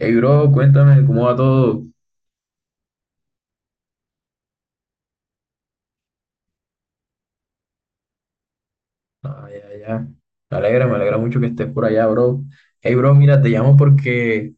Hey, bro, cuéntame cómo va todo. Ah, ya, ya. Me alegra mucho que estés por allá, bro. Hey, bro, mira, te llamo porque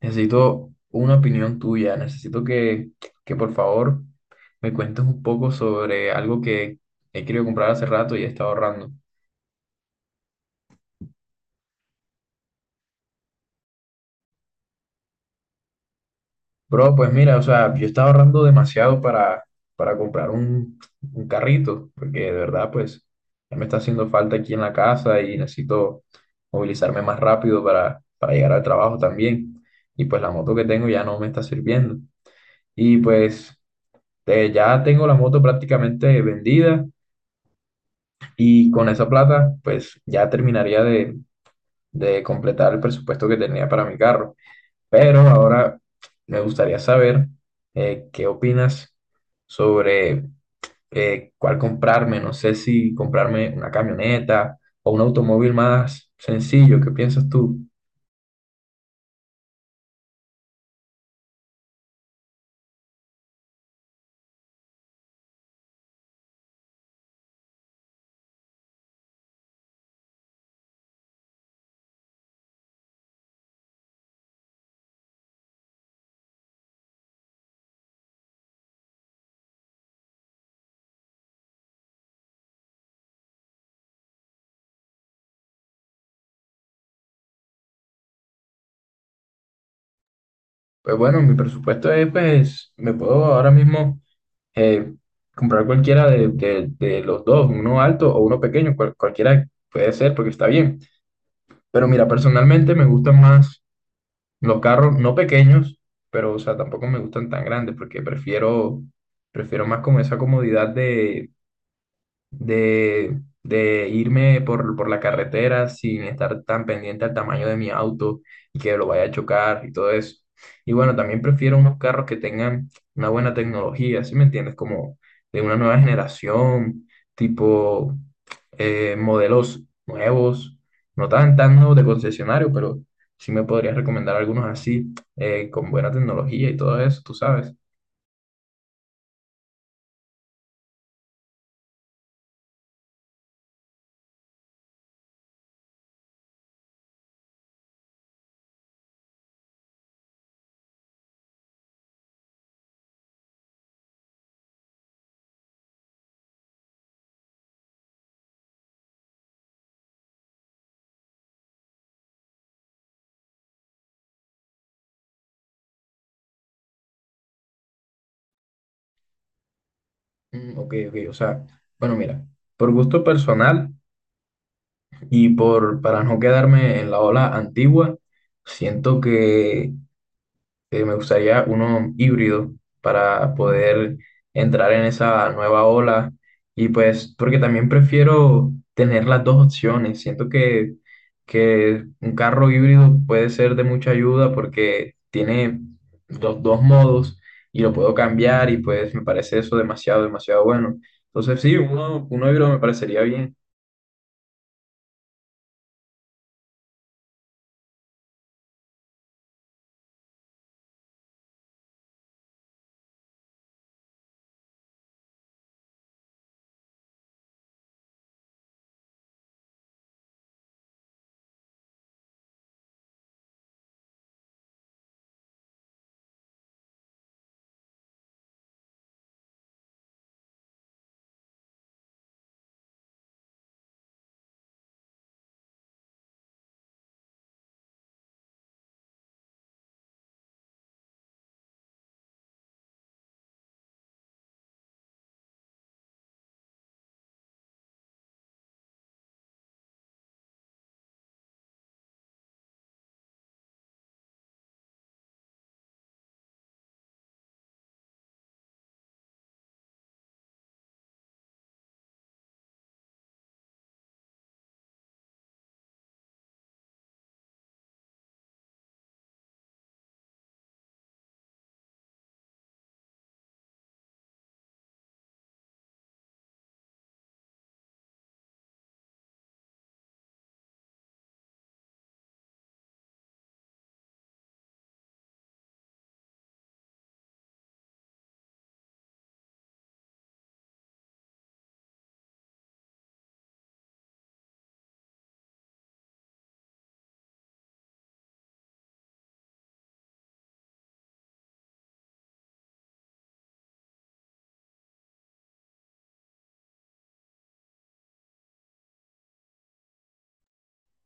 necesito una opinión tuya. Necesito que por favor me cuentes un poco sobre algo que he querido comprar hace rato y he estado ahorrando. Bro, pues mira, o sea, yo estaba ahorrando demasiado para comprar un carrito, porque de verdad, pues, ya me está haciendo falta aquí en la casa y necesito movilizarme más rápido para llegar al trabajo también. Y pues la moto que tengo ya no me está sirviendo. Y pues ya tengo la moto prácticamente vendida y con esa plata, pues ya terminaría de completar el presupuesto que tenía para mi carro. Pero ahora me gustaría saber qué opinas sobre cuál comprarme. No sé si comprarme una camioneta o un automóvil más sencillo. ¿Qué piensas tú? Pues bueno, mi presupuesto es, pues, me puedo ahora mismo eh, comprar cualquiera de los dos, uno alto o uno pequeño, cualquiera puede ser porque está bien. Pero mira, personalmente me gustan más los carros no pequeños, pero o sea, tampoco me gustan tan grandes porque prefiero más como esa comodidad de irme por la carretera sin estar tan pendiente al tamaño de mi auto y que lo vaya a chocar y todo eso. Y bueno, también prefiero unos carros que tengan una buena tecnología, ¿sí me entiendes? Como de una nueva generación, tipo modelos nuevos, no tan nuevos de concesionario, pero sí me podrías recomendar algunos así, con buena tecnología y todo eso, tú sabes. Ok, ok, o sea, bueno, mira, por gusto personal. Y por, para no quedarme en la ola antigua, siento que me gustaría uno híbrido para poder entrar en esa nueva ola. Y pues, porque también prefiero tener las dos opciones. Siento que un carro híbrido puede ser de mucha ayuda porque tiene dos modos y lo puedo cambiar y pues me parece eso demasiado, demasiado bueno. Entonces, sí, uno híbrido me parecería bien.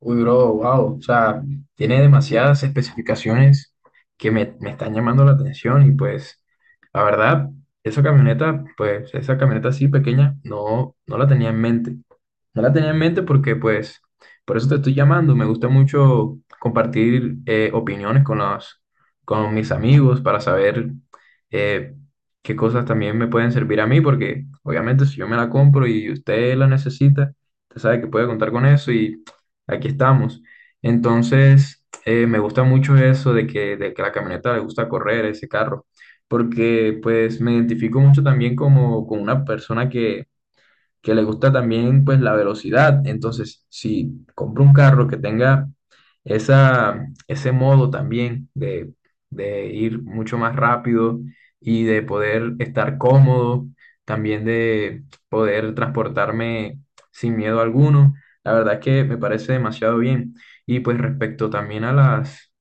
Uy, bro, wow. O sea, tiene demasiadas especificaciones que me están llamando la atención y pues, la verdad, esa camioneta, pues, esa camioneta así pequeña, no, no la tenía en mente. No la tenía en mente porque, pues, por eso te estoy llamando. Me gusta mucho compartir opiniones con con mis amigos para saber eh, qué cosas también me pueden servir a mí, porque obviamente si yo me la compro y usted la necesita, usted sabe que puede contar con eso aquí estamos. Entonces, me gusta mucho eso de que la camioneta le gusta correr, ese carro, porque pues me identifico mucho también como, como una persona que le gusta también pues la velocidad. Entonces, si compro un carro que tenga ese modo también de ir mucho más rápido y de poder estar cómodo, también de poder transportarme sin miedo alguno, la verdad es que me parece demasiado bien. Y pues respecto también a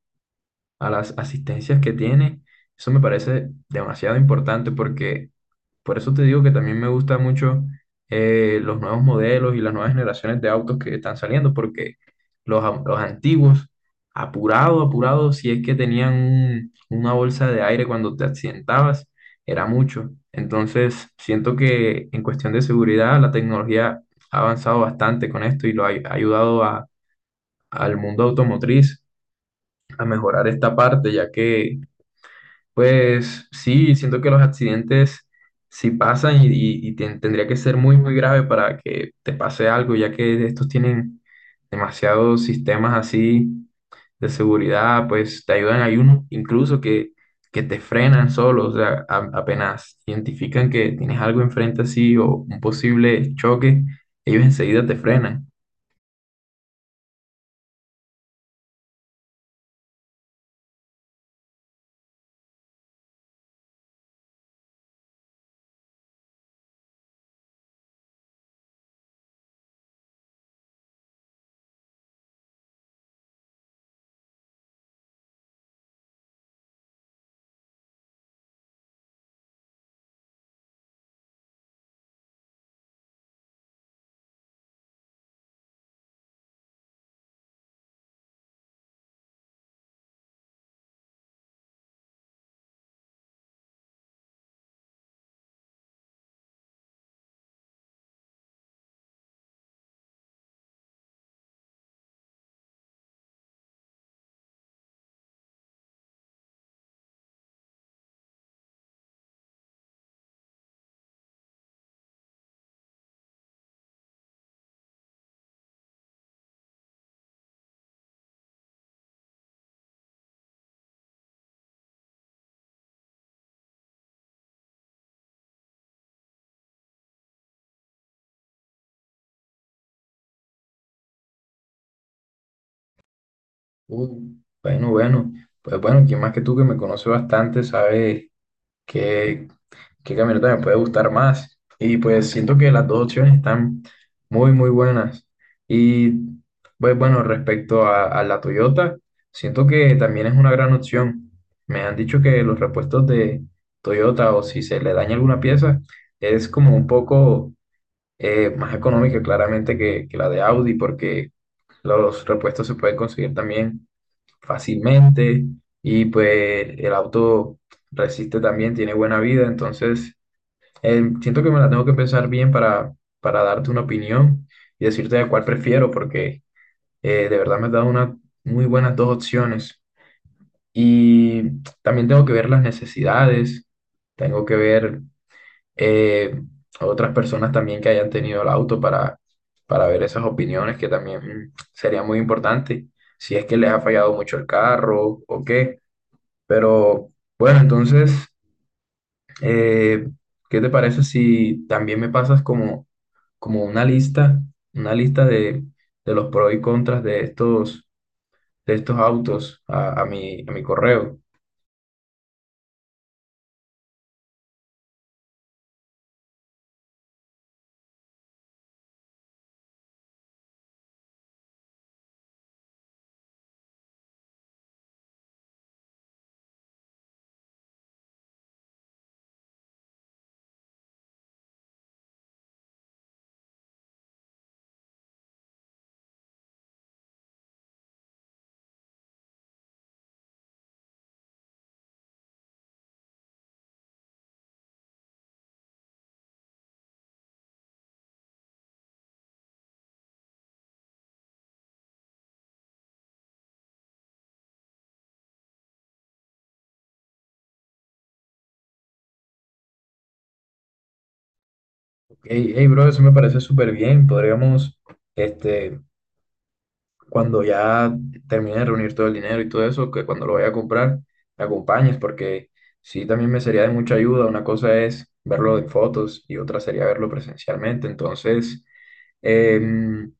a las asistencias que tiene, eso me parece demasiado importante porque por eso te digo que también me gusta mucho los nuevos modelos y las nuevas generaciones de autos que están saliendo, porque los antiguos, apurado, apurado, si es que tenían una bolsa de aire cuando te accidentabas, era mucho. Entonces, siento que en cuestión de seguridad, la tecnología ha avanzado bastante con esto y ha ayudado al mundo automotriz a mejorar esta parte, ya que pues sí, siento que los accidentes sí pasan y tendría que ser muy, muy grave para que te pase algo, ya que estos tienen demasiados sistemas así de seguridad, pues te ayudan, hay unos incluso que te frenan solo, o sea, apenas identifican que tienes algo enfrente así o un posible choque, ellos enseguida te frenan. Uh, bueno, bueno, pues bueno, quien más que tú que me conoce bastante sabe qué camioneta me puede gustar más. Y pues siento que las dos opciones están muy, muy buenas. Y pues bueno, respecto a la Toyota, siento que también es una gran opción. Me han dicho que los repuestos de Toyota o si se le daña alguna pieza es como un poco más económica claramente que la de Audi porque los repuestos se pueden conseguir también fácilmente y pues el auto resiste también, tiene buena vida, entonces siento que me la tengo que pensar bien para darte una opinión y decirte de cuál prefiero, porque de verdad me has dado muy buenas dos opciones. Y también tengo que ver las necesidades, tengo que ver eh, a otras personas también que hayan tenido el auto para ver esas opiniones, que también sería muy importante, si es que les ha fallado mucho el carro o qué. Pero bueno, entonces… Eh, ¿qué te parece si también me pasas como, como una lista de los pros y contras de de estos autos a mi correo? Hey, hey, bro, eso me parece súper bien. Podríamos, este, cuando ya termine de reunir todo el dinero y todo eso, que cuando lo vaya a comprar, me acompañes, porque sí, también me sería de mucha ayuda. Una cosa es verlo en fotos y otra sería verlo presencialmente. Entonces, em,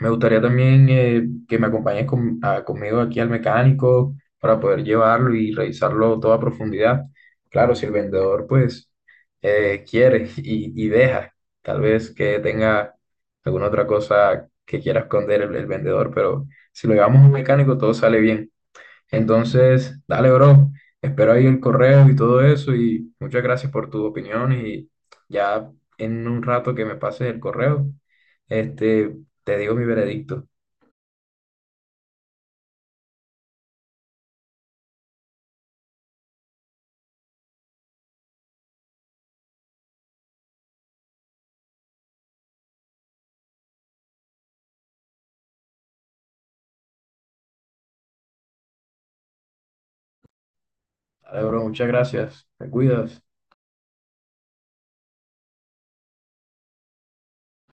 me gustaría también que me acompañes conmigo aquí al mecánico para poder llevarlo y revisarlo todo a profundidad. Claro, si el vendedor pues quiere y deja, tal vez que tenga alguna otra cosa que quiera esconder el vendedor, pero si lo llevamos a un mecánico todo sale bien. Entonces, dale, bro. Espero ahí el correo y todo eso. Y muchas gracias por tu opinión. Y ya en un rato que me pases el correo, este, te digo mi veredicto. Dale, bro. Muchas gracias. Te cuidas.